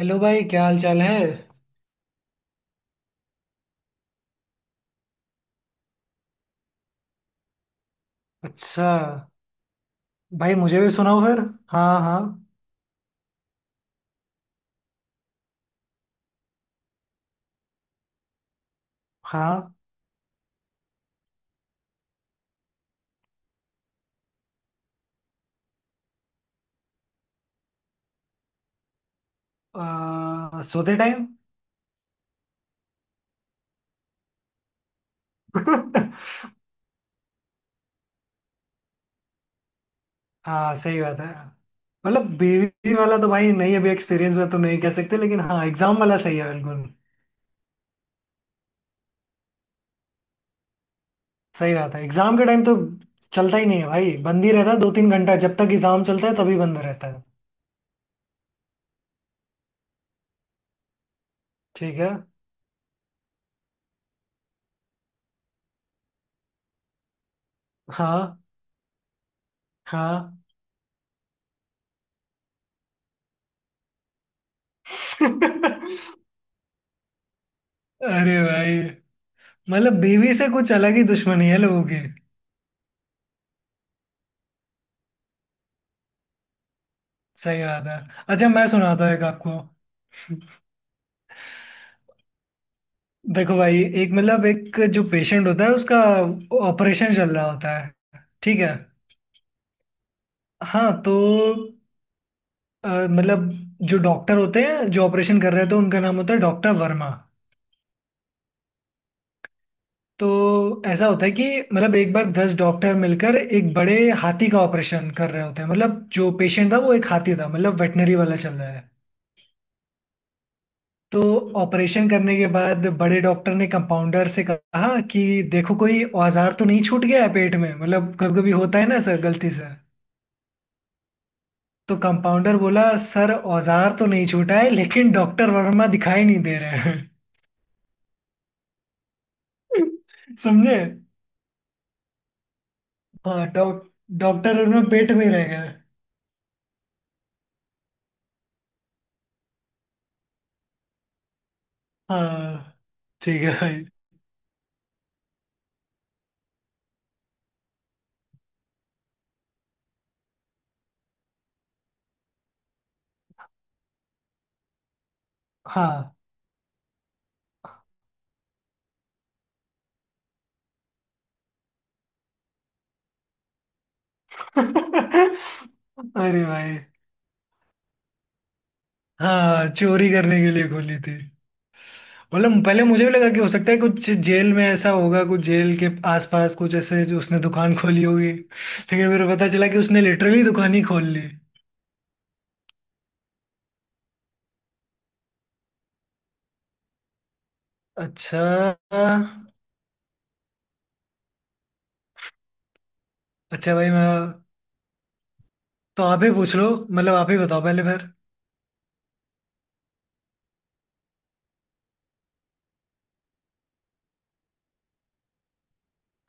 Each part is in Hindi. हेलो भाई, क्या हाल चाल है। अच्छा। भाई मुझे भी सुनाओ फिर। हाँ हाँ हाँ। सोते टाइम। हाँ सही बात है। मतलब बीवी वाला तो भाई नहीं, अभी एक्सपीरियंस में तो नहीं कह सकते, लेकिन हाँ एग्जाम वाला सही है बिल्कुल। सही बात है, एग्जाम के टाइम तो चलता ही नहीं है भाई, बंद ही रहता है दो तीन घंटा, जब तक एग्जाम चलता है तभी बंद रहता है। ठीक है। हाँ हाँ। अरे भाई, मतलब बीवी से कुछ अलग ही दुश्मनी है लोगों की। सही बात है। अच्छा मैं सुनाता हूँ एक आपको। देखो भाई, एक मतलब एक जो पेशेंट होता है उसका ऑपरेशन चल रहा होता है। ठीक है। हाँ तो मतलब जो डॉक्टर होते हैं जो ऑपरेशन कर रहे होते हैं, तो उनका नाम होता है डॉक्टर वर्मा। तो ऐसा होता है कि मतलब एक बार दस डॉक्टर मिलकर एक बड़े हाथी का ऑपरेशन कर रहे होते हैं, मतलब जो पेशेंट था वो एक हाथी था, मतलब वेटनरी वाला चल रहा है। तो ऑपरेशन करने के बाद बड़े डॉक्टर ने कंपाउंडर से कहा कि देखो कोई औजार तो नहीं छूट गया है पेट में, मतलब कभी कभी होता है ना सर गलती से। तो कंपाउंडर बोला, सर औजार तो नहीं छूटा है लेकिन डॉक्टर वर्मा दिखाई नहीं दे रहे हैं। समझे। हाँ डॉक्टर वर्मा पेट में ही रह गए। हाँ ठीक है भाई। हाँ। अरे भाई। हाँ चोरी करने के लिए खोली थी। मतलब पहले मुझे भी लगा कि हो सकता है कुछ जेल में ऐसा होगा, कुछ जेल के आसपास कुछ ऐसे जो उसने दुकान खोली होगी, लेकिन फिर पता चला कि उसने लिटरली दुकान ही खोल ली। अच्छा। अच्छा भाई मैं तो आप ही पूछ लो, मतलब आप ही बताओ पहले फिर।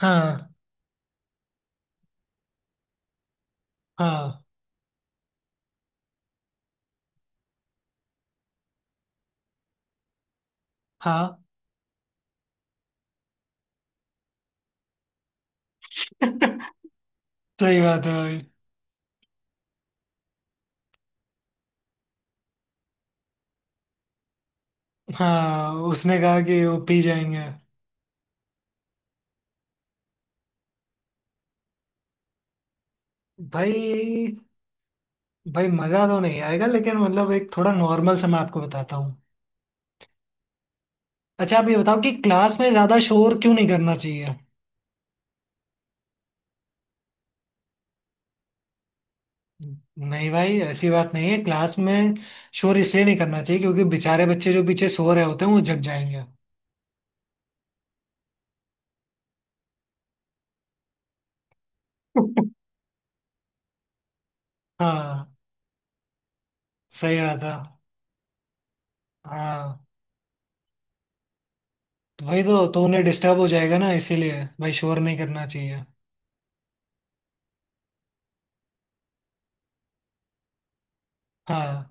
हाँ हाँ हाँ। सही बात है भाई। हाँ उसने कहा कि वो पी जाएंगे। भाई, भाई मजा तो नहीं आएगा लेकिन मतलब एक थोड़ा नॉर्मल सा मैं आपको बताता हूँ। अच्छा आप ये बताओ कि क्लास में ज्यादा शोर क्यों नहीं करना चाहिए। नहीं भाई, ऐसी बात नहीं है। क्लास में शोर इसलिए नहीं करना चाहिए क्योंकि बेचारे बच्चे जो पीछे सो रहे होते हैं वो जग जाएंगे। हाँ सही बात है। हाँ तो वही तो उन्हें डिस्टर्ब हो जाएगा ना, इसीलिए भाई शोर नहीं करना चाहिए। हाँ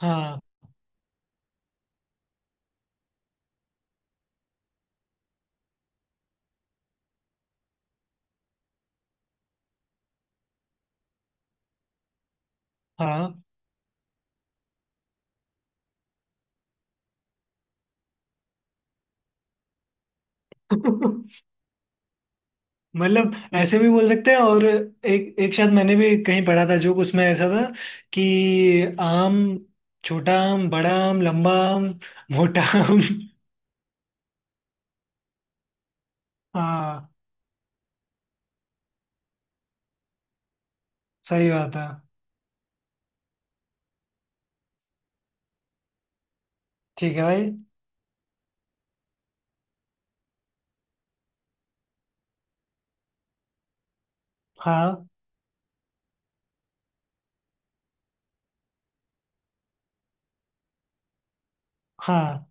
हाँ हाँ। मतलब ऐसे भी बोल सकते हैं, और एक एक शायद मैंने भी कहीं पढ़ा था जो उसमें ऐसा था कि आम, छोटा आम, बड़ा आम, लंबा आम, मोटा आम। हाँ सही बात है। ठीक है भाई। हाँ हाँ।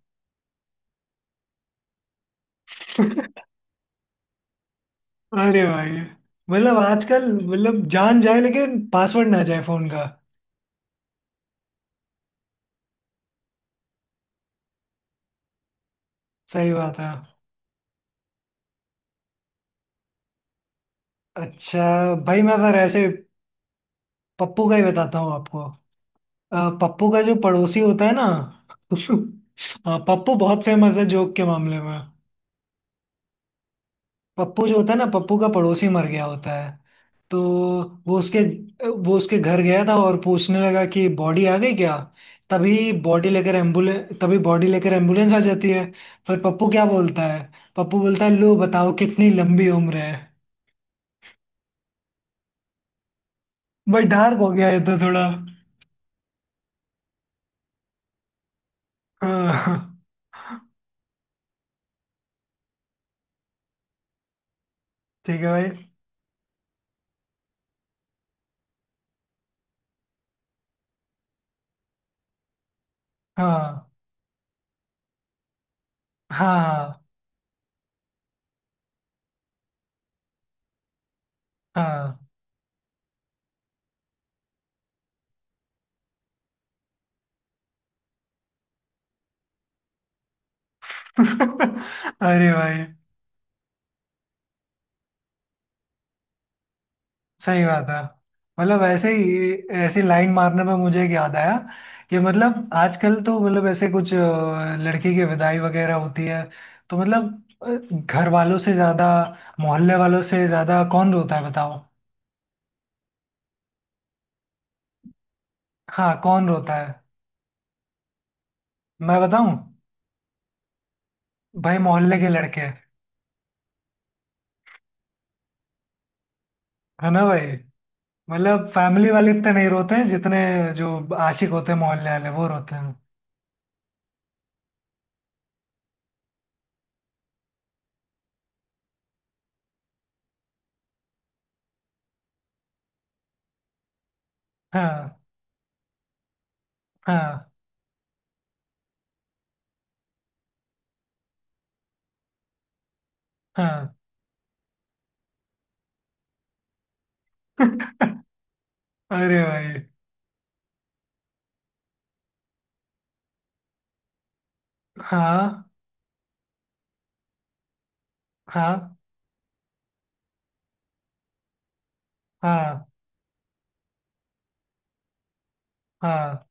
अरे भाई, मतलब आजकल मतलब जान जाए लेकिन पासवर्ड ना जाए फोन का। सही बात है। अच्छा भाई मैं फिर ऐसे पप्पू का ही बताता हूँ आपको। पप्पू का जो पड़ोसी होता है ना। पप्पू बहुत फेमस है जोक के मामले में। पप्पू जो होता है ना, पप्पू का पड़ोसी मर गया होता है। तो वो उसके वो उसके घर गया था और पूछने लगा कि बॉडी आ गई क्या। तभी बॉडी लेकर एम्बुलेंस आ जाती है। फिर पप्पू क्या बोलता है। पप्पू बोलता है, लो बताओ कितनी लंबी उम्र है। भाई डार्क हो गया ये तो थोड़ा। हाँ। ठीक है भाई। हाँ हाँ हाँ। अरे भाई। सही बात है। मतलब ऐसे ही, ऐसी लाइन मारने में मुझे एक याद आया कि मतलब आजकल तो मतलब ऐसे कुछ लड़की की विदाई वगैरह होती है, तो मतलब अ, घर वालों से ज्यादा, मोहल्ले वालों से ज्यादा कौन रोता है बताओ। हाँ कौन रोता है। मैं बताऊं। भाई मोहल्ले के लड़के। है ना भाई। मतलब फैमिली वाले इतने नहीं रोते हैं जितने जो आशिक होते हैं मोहल्ले वाले वो रोते हैं। हाँ हाँ हाँ। अरे भाई। हाँ हाँ हाँ हाँ।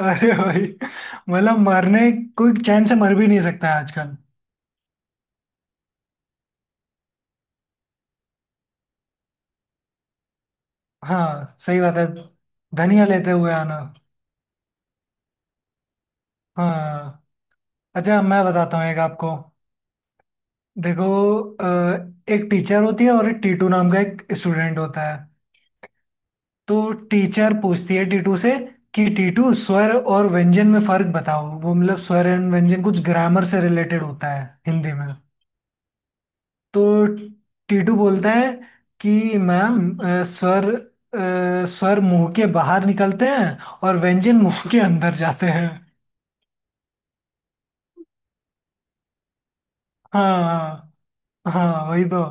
अरे भाई मतलब मरने, कोई चैन से मर भी नहीं सकता है आजकल। हाँ सही बात है, धनिया लेते हुए आना। हाँ। अच्छा मैं बताता हूँ एक आपको। देखो, एक टीचर होती है और एक टीटू नाम का एक स्टूडेंट होता है। तो टीचर पूछती है टीटू से कि टीटू, स्वर और व्यंजन में फर्क बताओ। वो मतलब स्वर एंड व्यंजन कुछ ग्रामर से रिलेटेड होता है हिंदी में। तो टीटू बोलता है कि मैम, अ, स्वर स्वर मुंह के बाहर निकलते हैं और व्यंजन मुंह के अंदर जाते हैं। हाँ हाँ वही तो।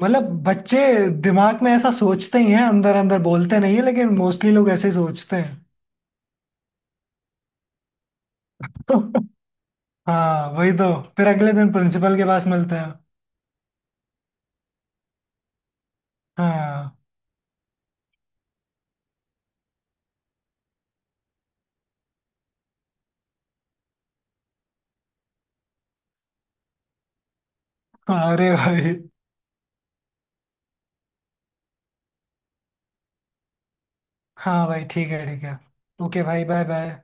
मतलब बच्चे दिमाग में ऐसा सोचते ही हैं, अंदर अंदर बोलते नहीं है, लेकिन मोस्टली लोग ऐसे ही सोचते हैं। हाँ वही तो, फिर अगले दिन प्रिंसिपल के पास मिलते हैं। हाँ। हाँ, अरे भाई। हाँ भाई ठीक है ठीक है। ओके भाई, बाय बाय।